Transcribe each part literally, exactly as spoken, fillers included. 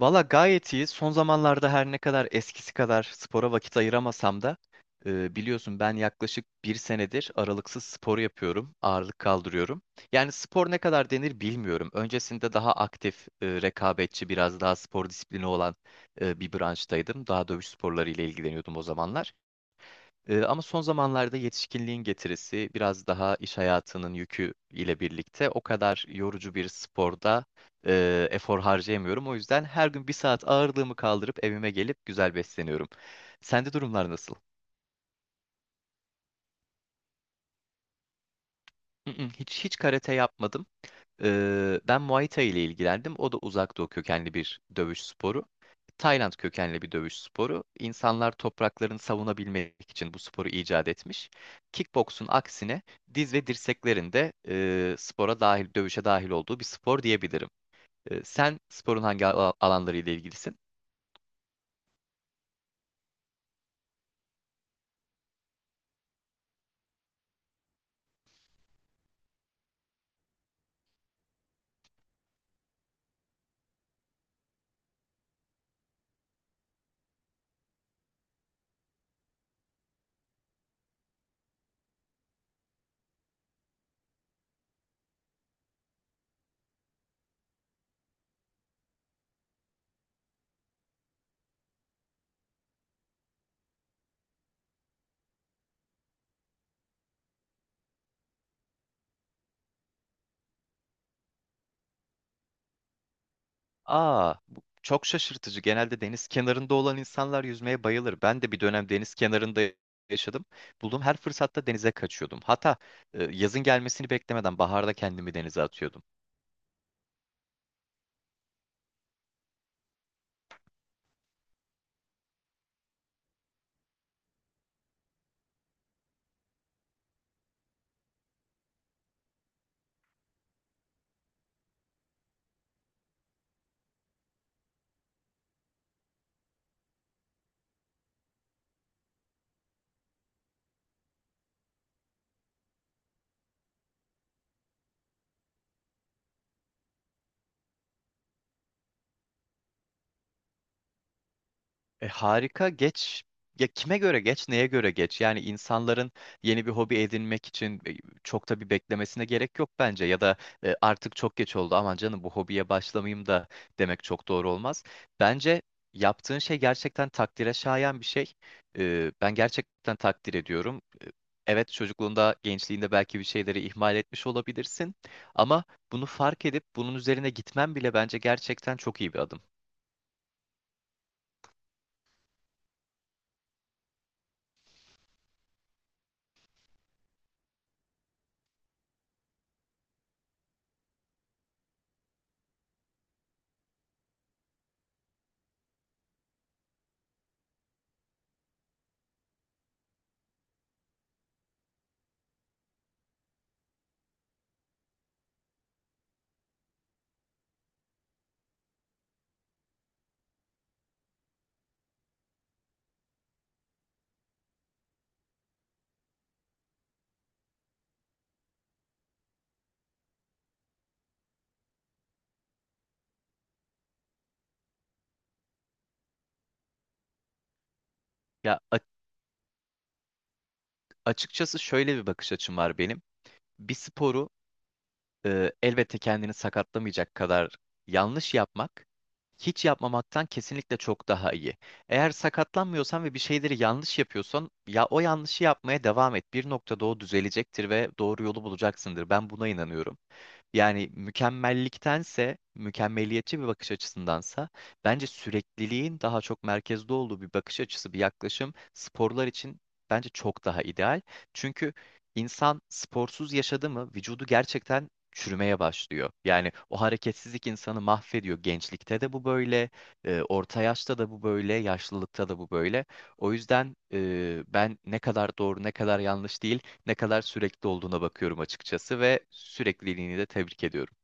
Valla gayet iyi. Son zamanlarda her ne kadar eskisi kadar spora vakit ayıramasam da e, biliyorsun ben yaklaşık bir senedir aralıksız spor yapıyorum, ağırlık kaldırıyorum. Yani spor ne kadar denir bilmiyorum. Öncesinde daha aktif, e, rekabetçi, biraz daha spor disiplini olan e, bir branştaydım. Daha dövüş sporları ile ilgileniyordum o zamanlar. Ee, ama son zamanlarda yetişkinliğin getirisi biraz daha iş hayatının yükü ile birlikte o kadar yorucu bir sporda e, efor harcayamıyorum. O yüzden her gün bir saat ağırlığımı kaldırıp evime gelip güzel besleniyorum. Sende durumlar nasıl? Mm, mm, Hiç hiç karate yapmadım. Ee, ben Muay Thai ile ilgilendim. O da uzak doğu kökenli bir dövüş sporu. Tayland kökenli bir dövüş sporu. İnsanlar topraklarını savunabilmek için bu sporu icat etmiş. Kickboksun aksine diz ve dirseklerin de e, spora dahil, dövüşe dahil olduğu bir spor diyebilirim. E, sen sporun hangi al- alanlarıyla ilgilisin? Aa, bu çok şaşırtıcı. Genelde deniz kenarında olan insanlar yüzmeye bayılır. Ben de bir dönem deniz kenarında yaşadım. Bulduğum her fırsatta denize kaçıyordum. Hatta e, yazın gelmesini beklemeden baharda kendimi denize atıyordum. E, harika geç ya kime göre geç neye göre geç yani insanların yeni bir hobi edinmek için e, çok da bir beklemesine gerek yok bence ya da e, artık çok geç oldu aman canım bu hobiye başlamayayım da demek çok doğru olmaz. Bence yaptığın şey gerçekten takdire şayan bir şey. E, ben gerçekten takdir ediyorum. E, Evet çocukluğunda, gençliğinde belki bir şeyleri ihmal etmiş olabilirsin ama bunu fark edip bunun üzerine gitmen bile bence gerçekten çok iyi bir adım. Ya Açıkçası şöyle bir bakış açım var benim. Bir sporu e, elbette kendini sakatlamayacak kadar yanlış yapmak hiç yapmamaktan kesinlikle çok daha iyi. Eğer sakatlanmıyorsan ve bir şeyleri yanlış yapıyorsan ya o yanlışı yapmaya devam et. Bir noktada o düzelecektir ve doğru yolu bulacaksındır. Ben buna inanıyorum. Yani mükemmelliktense, mükemmeliyetçi bir bakış açısındansa bence sürekliliğin daha çok merkezde olduğu bir bakış açısı, bir yaklaşım sporlar için bence çok daha ideal. Çünkü insan sporsuz yaşadı mı vücudu gerçekten çürümeye başlıyor. Yani o hareketsizlik insanı mahvediyor. Gençlikte de bu böyle, e, orta yaşta da bu böyle, yaşlılıkta da bu böyle. O yüzden e, ben ne kadar doğru, ne kadar yanlış değil, ne kadar sürekli olduğuna bakıyorum açıkçası ve sürekliliğini de tebrik ediyorum.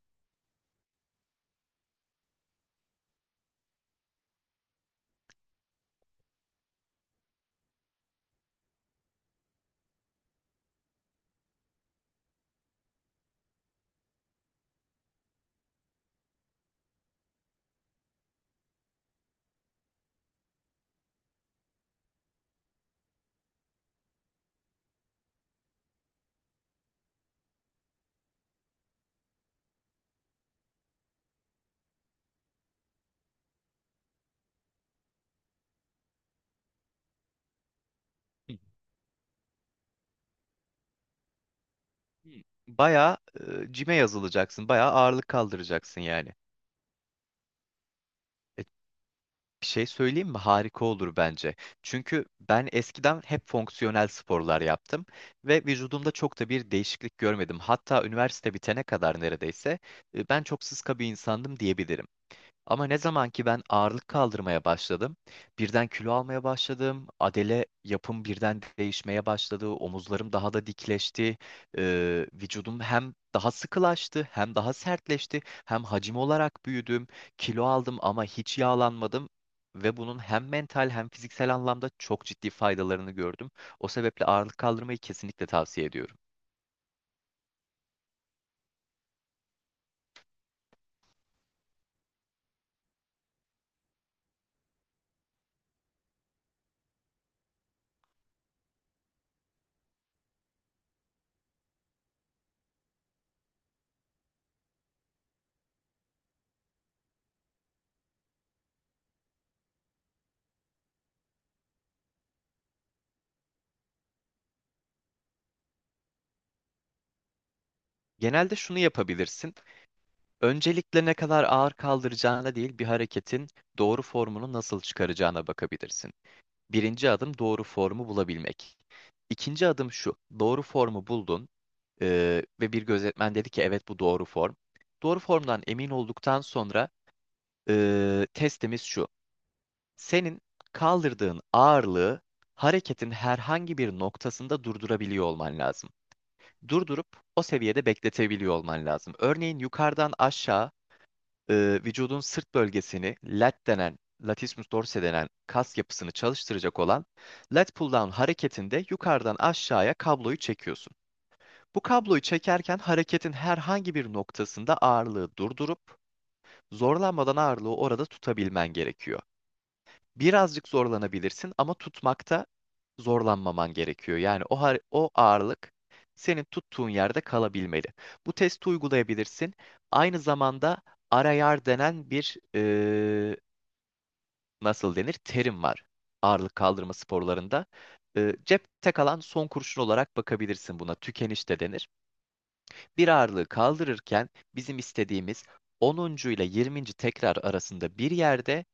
Hı. Bayağı e, cime yazılacaksın, bayağı ağırlık kaldıracaksın yani. E, Bir şey söyleyeyim mi? Harika olur bence. Çünkü ben eskiden hep fonksiyonel sporlar yaptım ve vücudumda çok da bir değişiklik görmedim. Hatta üniversite bitene kadar neredeyse e, ben çok sıska bir insandım diyebilirim. Ama ne zaman ki ben ağırlık kaldırmaya başladım, birden kilo almaya başladım, adele yapım birden değişmeye başladı, omuzlarım daha da dikleşti. Ee, vücudum hem daha sıkılaştı, hem daha sertleşti, hem hacim olarak büyüdüm, kilo aldım ama hiç yağlanmadım ve bunun hem mental hem fiziksel anlamda çok ciddi faydalarını gördüm. O sebeple ağırlık kaldırmayı kesinlikle tavsiye ediyorum. Genelde şunu yapabilirsin. Öncelikle ne kadar ağır kaldıracağına değil, bir hareketin doğru formunu nasıl çıkaracağına bakabilirsin. Birinci adım doğru formu bulabilmek. İkinci adım şu, doğru formu buldun eee, ve bir gözetmen dedi ki evet bu doğru form. Doğru formdan emin olduktan sonra eee, testimiz şu. Senin kaldırdığın ağırlığı hareketin herhangi bir noktasında durdurabiliyor olman lazım. Durdurup o seviyede bekletebiliyor olman lazım. Örneğin yukarıdan aşağı e, vücudun sırt bölgesini lat denen, latissimus dorsi denen kas yapısını çalıştıracak olan lat pull down hareketinde yukarıdan aşağıya kabloyu çekiyorsun. Bu kabloyu çekerken hareketin herhangi bir noktasında ağırlığı durdurup zorlanmadan ağırlığı orada tutabilmen gerekiyor, birazcık zorlanabilirsin ama tutmakta zorlanmaman gerekiyor. Yani o har- o ağırlık senin tuttuğun yerde kalabilmeli. Bu testi uygulayabilirsin. Aynı zamanda arayar denen bir e, nasıl denir terim var ağırlık kaldırma sporlarında. E, cepte kalan son kurşun olarak bakabilirsin buna. Tükeniş de denir. Bir ağırlığı kaldırırken bizim istediğimiz onuncu ile yirminci tekrar arasında bir yerde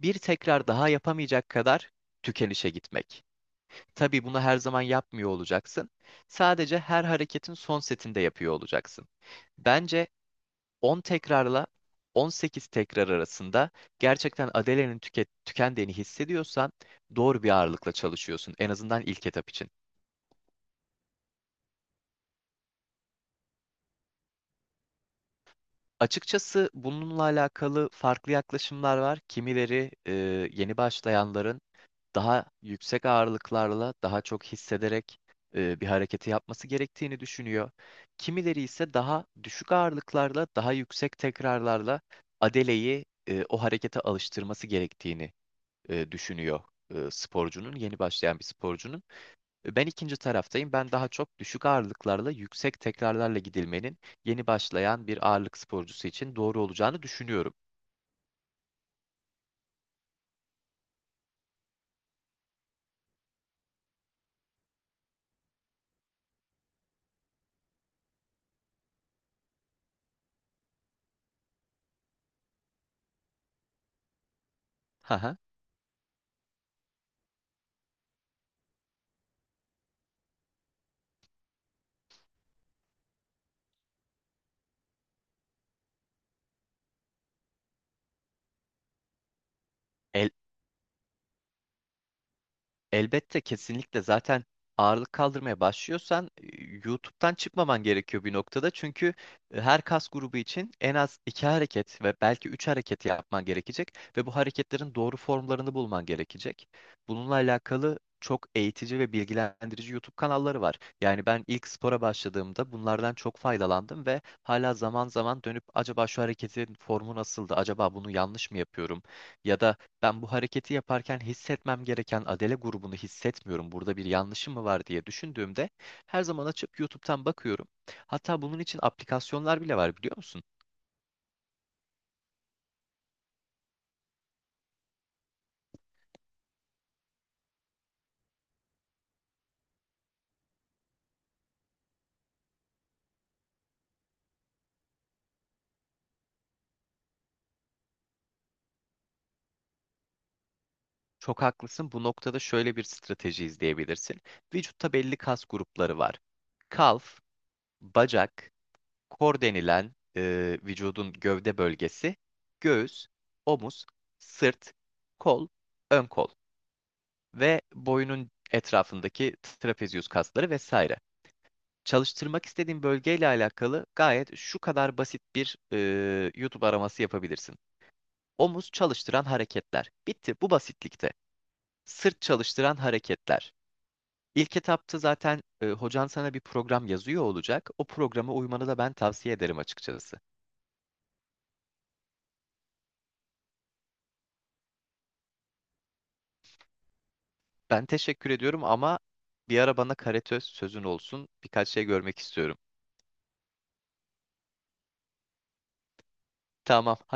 bir tekrar daha yapamayacak kadar tükenişe gitmek. Tabii bunu her zaman yapmıyor olacaksın. Sadece her hareketin son setinde yapıyor olacaksın. Bence on tekrarla on sekiz tekrar arasında gerçekten adelenin tüke- tükendiğini hissediyorsan doğru bir ağırlıkla çalışıyorsun, en azından ilk etap için. Açıkçası bununla alakalı farklı yaklaşımlar var. Kimileri e, yeni başlayanların daha yüksek ağırlıklarla daha çok hissederek e, bir hareketi yapması gerektiğini düşünüyor. Kimileri ise daha düşük ağırlıklarla daha yüksek tekrarlarla adeleyi e, o harekete alıştırması gerektiğini e, düşünüyor, e, sporcunun, yeni başlayan bir sporcunun. E, Ben ikinci taraftayım. Ben daha çok düşük ağırlıklarla, yüksek tekrarlarla gidilmenin yeni başlayan bir ağırlık sporcusu için doğru olacağını düşünüyorum. Haha. El, Elbette kesinlikle zaten ağırlık kaldırmaya başlıyorsan e, YouTube'dan çıkmaman gerekiyor bir noktada. Çünkü e, her kas grubu için en az iki hareket ve belki üç hareket yapman gerekecek ve bu hareketlerin doğru formlarını bulman gerekecek. Bununla alakalı çok eğitici ve bilgilendirici YouTube kanalları var. Yani ben ilk spora başladığımda bunlardan çok faydalandım ve hala zaman zaman dönüp acaba şu hareketin formu nasıldı? Acaba bunu yanlış mı yapıyorum? Ya da ben bu hareketi yaparken hissetmem gereken Adele grubunu hissetmiyorum. Burada bir yanlışım mı var diye düşündüğümde her zaman açıp YouTube'dan bakıyorum. Hatta bunun için aplikasyonlar bile var, biliyor musun? Çok haklısın. Bu noktada şöyle bir strateji izleyebilirsin. Vücutta belli kas grupları var. Kalf, bacak, kor denilen e, vücudun gövde bölgesi, göğüs, omuz, sırt, kol, ön kol ve boyunun etrafındaki trapezius kasları vesaire. Çalıştırmak istediğin bölgeyle alakalı gayet şu kadar basit bir e, YouTube araması yapabilirsin. Omuz çalıştıran hareketler. Bitti bu basitlikte. Sırt çalıştıran hareketler. İlk etapta zaten e, hocan sana bir program yazıyor olacak. O programa uymanı da ben tavsiye ederim açıkçası. Ben teşekkür ediyorum ama bir ara bana karate sözün olsun. Birkaç şey görmek istiyorum. Tamam.